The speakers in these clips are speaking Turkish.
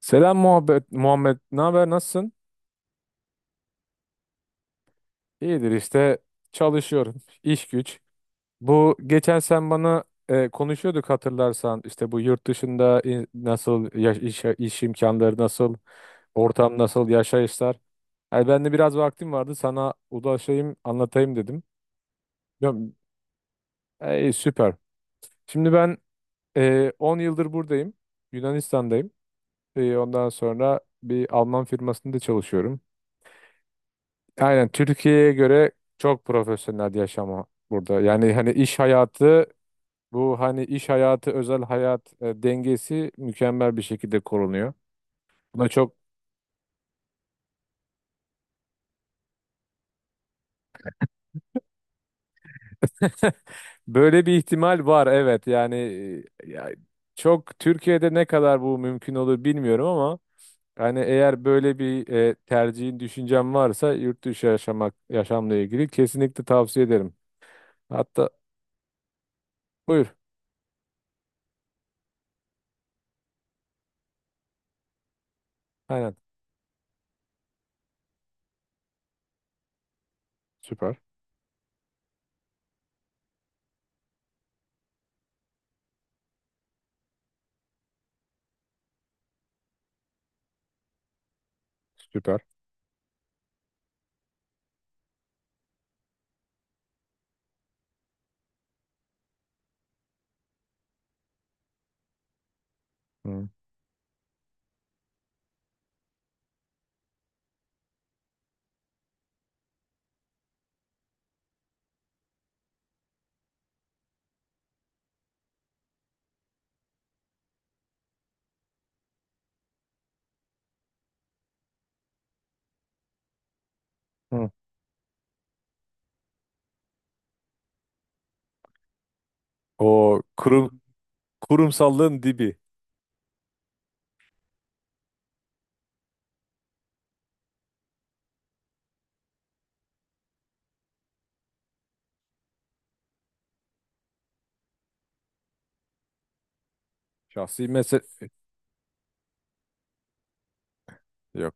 Selam muhabbet Muhammed. Ne haber? Nasılsın? İyidir işte, çalışıyorum. İş güç. Bu geçen sen bana konuşuyorduk hatırlarsan İşte bu yurt dışında iş imkanları nasıl, ortam nasıl, yaşayışlar? Yani ben de biraz vaktim vardı, sana ulaşayım anlatayım dedim. Ya, ey, süper. Şimdi ben 10 yıldır buradayım. Yunanistan'dayım. Ondan sonra bir Alman firmasında çalışıyorum. Aynen, Türkiye'ye göre çok profesyonel yaşama burada. Yani hani iş hayatı, bu hani iş hayatı özel hayat dengesi mükemmel bir şekilde korunuyor. Buna çok. Böyle bir ihtimal var, evet yani. Ya, çok Türkiye'de ne kadar bu mümkün olur bilmiyorum ama yani eğer böyle bir tercihin, düşüncen varsa yurt dışı yaşamak, yaşamla ilgili kesinlikle tavsiye ederim. Hatta buyur, aynen, süper süper. Hı. Hı. O kurum Kurumsallığın dibi. Şahsi mesele yok.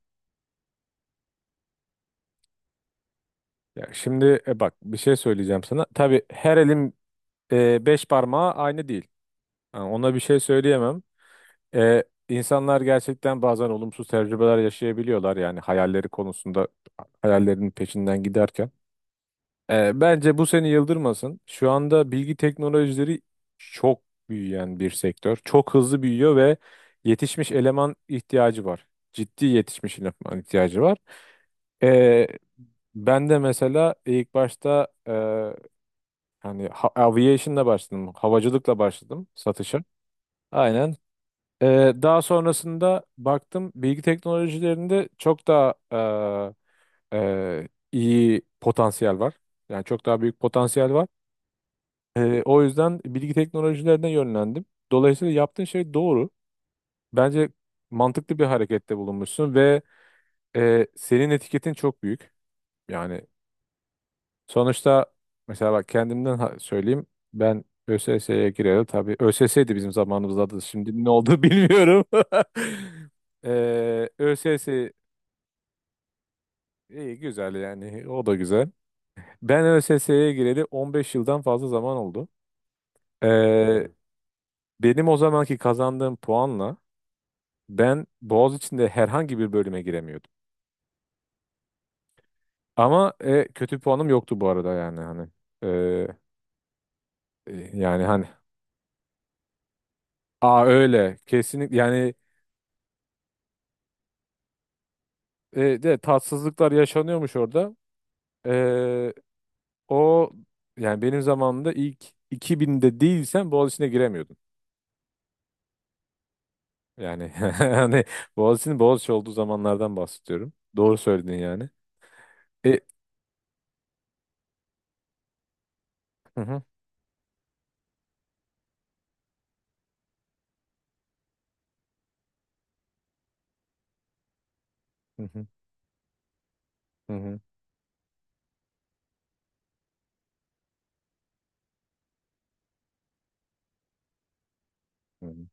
Ya şimdi bak bir şey söyleyeceğim sana. Tabii her elin beş parmağı aynı değil. Yani ona bir şey söyleyemem. İnsanlar gerçekten bazen olumsuz tecrübeler yaşayabiliyorlar. Yani hayalleri konusunda, hayallerinin peşinden giderken. Bence bu seni yıldırmasın. Şu anda bilgi teknolojileri çok büyüyen bir sektör. Çok hızlı büyüyor ve yetişmiş eleman ihtiyacı var. Ciddi yetişmiş eleman ihtiyacı var. E, Ben de mesela ilk başta hani aviation'la başladım. Havacılıkla başladım satışa. Aynen. Daha sonrasında baktım bilgi teknolojilerinde çok daha iyi potansiyel var. Yani çok daha büyük potansiyel var. O yüzden bilgi teknolojilerine yönlendim. Dolayısıyla yaptığın şey doğru. Bence mantıklı bir harekette bulunmuşsun ve senin etiketin çok büyük. Yani sonuçta mesela bak kendimden söyleyeyim. Ben ÖSS'ye gireli, tabii ÖSS'ydi bizim zamanımızda adı. Şimdi ne oldu bilmiyorum. ÖSS, iyi güzel yani, o da güzel. Ben ÖSS'ye gireli 15 yıldan fazla zaman oldu. Ee, Hmm. Benim o zamanki kazandığım puanla ben Boğaziçi'nde herhangi bir bölüme giremiyordum. Ama kötü puanım yoktu bu arada, yani hani. Ee, yani hani. Aa, öyle kesinlikle yani de tatsızlıklar yaşanıyormuş orada. E, O yani benim zamanımda, ilk 2000'de değilsen Boğaziçi'ne giremiyordun. Yani hani Boğaziçi'nin Boğaziçi olduğu zamanlardan bahsediyorum. Doğru söyledin yani. E, hı hı, hı hı, hı hı, hı hı.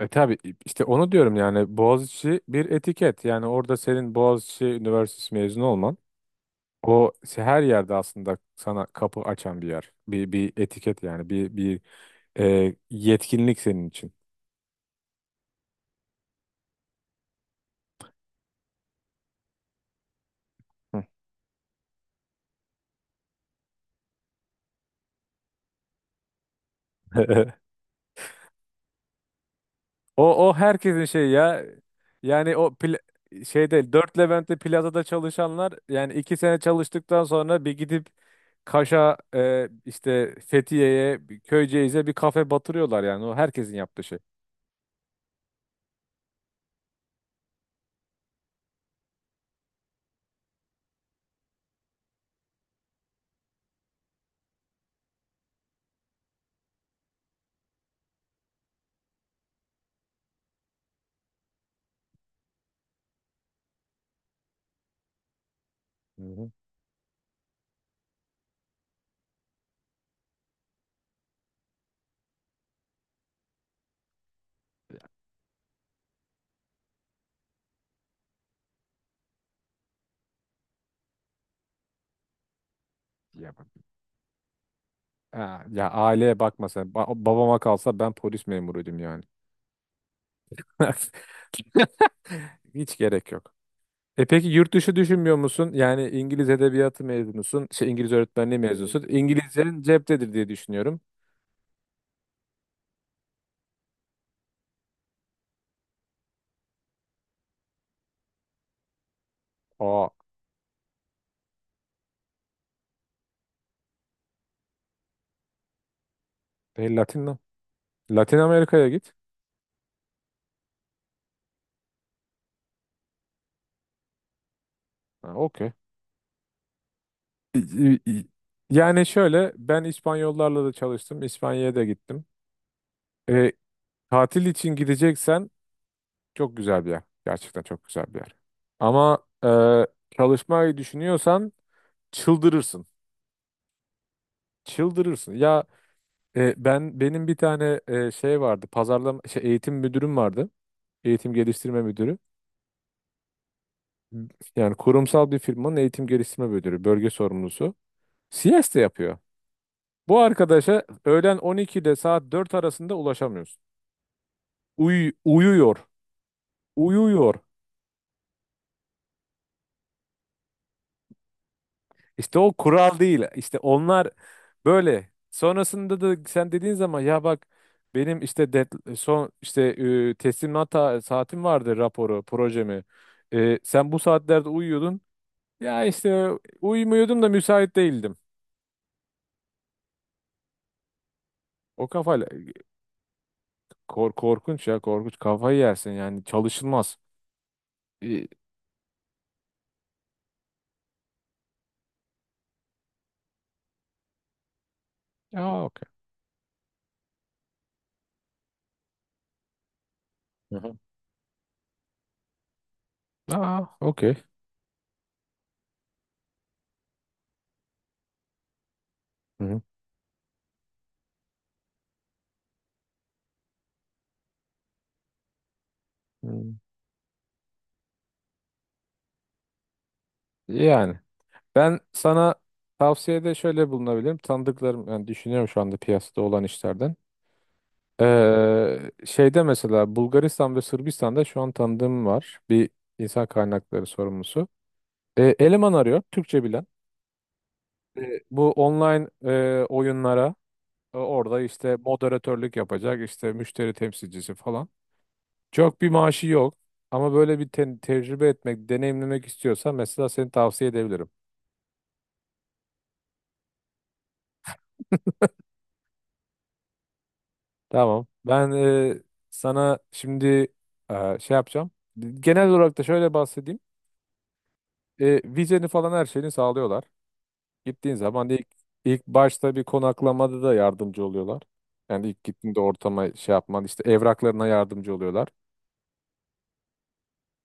Tabii işte onu diyorum yani, Boğaziçi bir etiket. Yani orada senin Boğaziçi Üniversitesi mezunu olman, o her yerde aslında sana kapı açan bir yer. Bir etiket yani, bir yetkinlik senin için. O o herkesin şeyi ya. Yani şey değil. Dört Levent'te plazada çalışanlar yani 2 sene çalıştıktan sonra bir gidip Kaş'a, işte Fethiye'ye, bir Köyceğiz'e bir kafe batırıyorlar yani. O herkesin yaptığı şey. Hı hı. Ya, ha, ya aileye bakma sen. Babama kalsa ben polis memuruydum yani. Hiç gerek yok. Peki yurt dışı düşünmüyor musun? Yani İngiliz edebiyatı mezunusun, şey, İngiliz öğretmenliği mezunusun. İngilizcenin ceptedir diye düşünüyorum. Aa, e, Latin, Latin Amerika'ya git. Ha, okey. İ- i- Yani şöyle, ben İspanyollarla da çalıştım. İspanya'ya da gittim. E, Tatil için gideceksen çok güzel bir yer. Gerçekten çok güzel bir yer. Ama çalışmayı düşünüyorsan çıldırırsın. Çıldırırsın. Ya, ben, benim bir tane şey vardı. Pazarlama, şey, eğitim müdürüm vardı. Eğitim geliştirme müdürü. Yani kurumsal bir firmanın eğitim geliştirme müdürü, bölge sorumlusu. CS de yapıyor. Bu arkadaşa öğlen 12 ile saat 4 arasında ulaşamıyorsun. Uyuyor. Uyuyor. İşte o kural değil. İşte onlar böyle. Sonrasında da sen dediğin zaman, ya bak benim işte son, işte teslimat saatim vardı raporu, projemi. Sen bu saatlerde uyuyordun. Ya işte, uyumuyordum da müsait değildim. O kafayla korkunç, ya korkunç, kafayı yersin yani, çalışılmaz. İyi. Aa, okey. Hı hı. Aa, okey. Hı hı. Hı. Yani ben sana tavsiyede şöyle bulunabilirim. Tanıdıklarım, yani düşünüyorum şu anda piyasada olan işlerden. Şeyde mesela, Bulgaristan ve Sırbistan'da şu an tanıdığım var. Bir insan kaynakları sorumlusu. Eleman arıyor Türkçe bilen. Bu online oyunlara. Orada işte moderatörlük yapacak, işte müşteri temsilcisi falan. Çok bir maaşı yok ama böyle bir tecrübe etmek, deneyimlemek istiyorsan mesela seni tavsiye edebilirim. Tamam. Ben sana şimdi şey yapacağım. Genel olarak da şöyle bahsedeyim. Vizeni falan, her şeyini sağlıyorlar. Gittiğin zaman ilk başta bir konaklamada da yardımcı oluyorlar. Yani ilk gittiğinde ortama şey yapman, işte evraklarına yardımcı oluyorlar.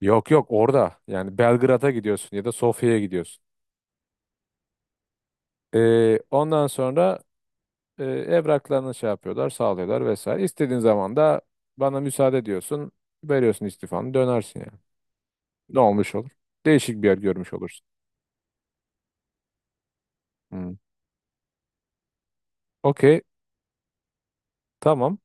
Yok yok, orada. Yani Belgrad'a gidiyorsun ya da Sofya'ya gidiyorsun. Ondan sonra evraklarını şey yapıyorlar, sağlıyorlar vesaire. İstediğin zaman da bana müsaade diyorsun, veriyorsun istifanı, dönersin yani. Ne olmuş olur? Değişik bir yer görmüş olursun. Hmm. Okey, tamam.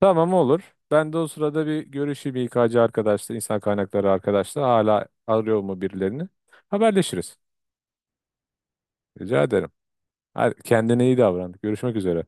Tamam olur. Ben de o sırada bir görüşeyim İK'cı arkadaşla, insan kaynakları arkadaşla. Hala arıyor mu birilerini? Haberleşiriz. Rica ederim. Hadi, kendine iyi davran. Görüşmek üzere.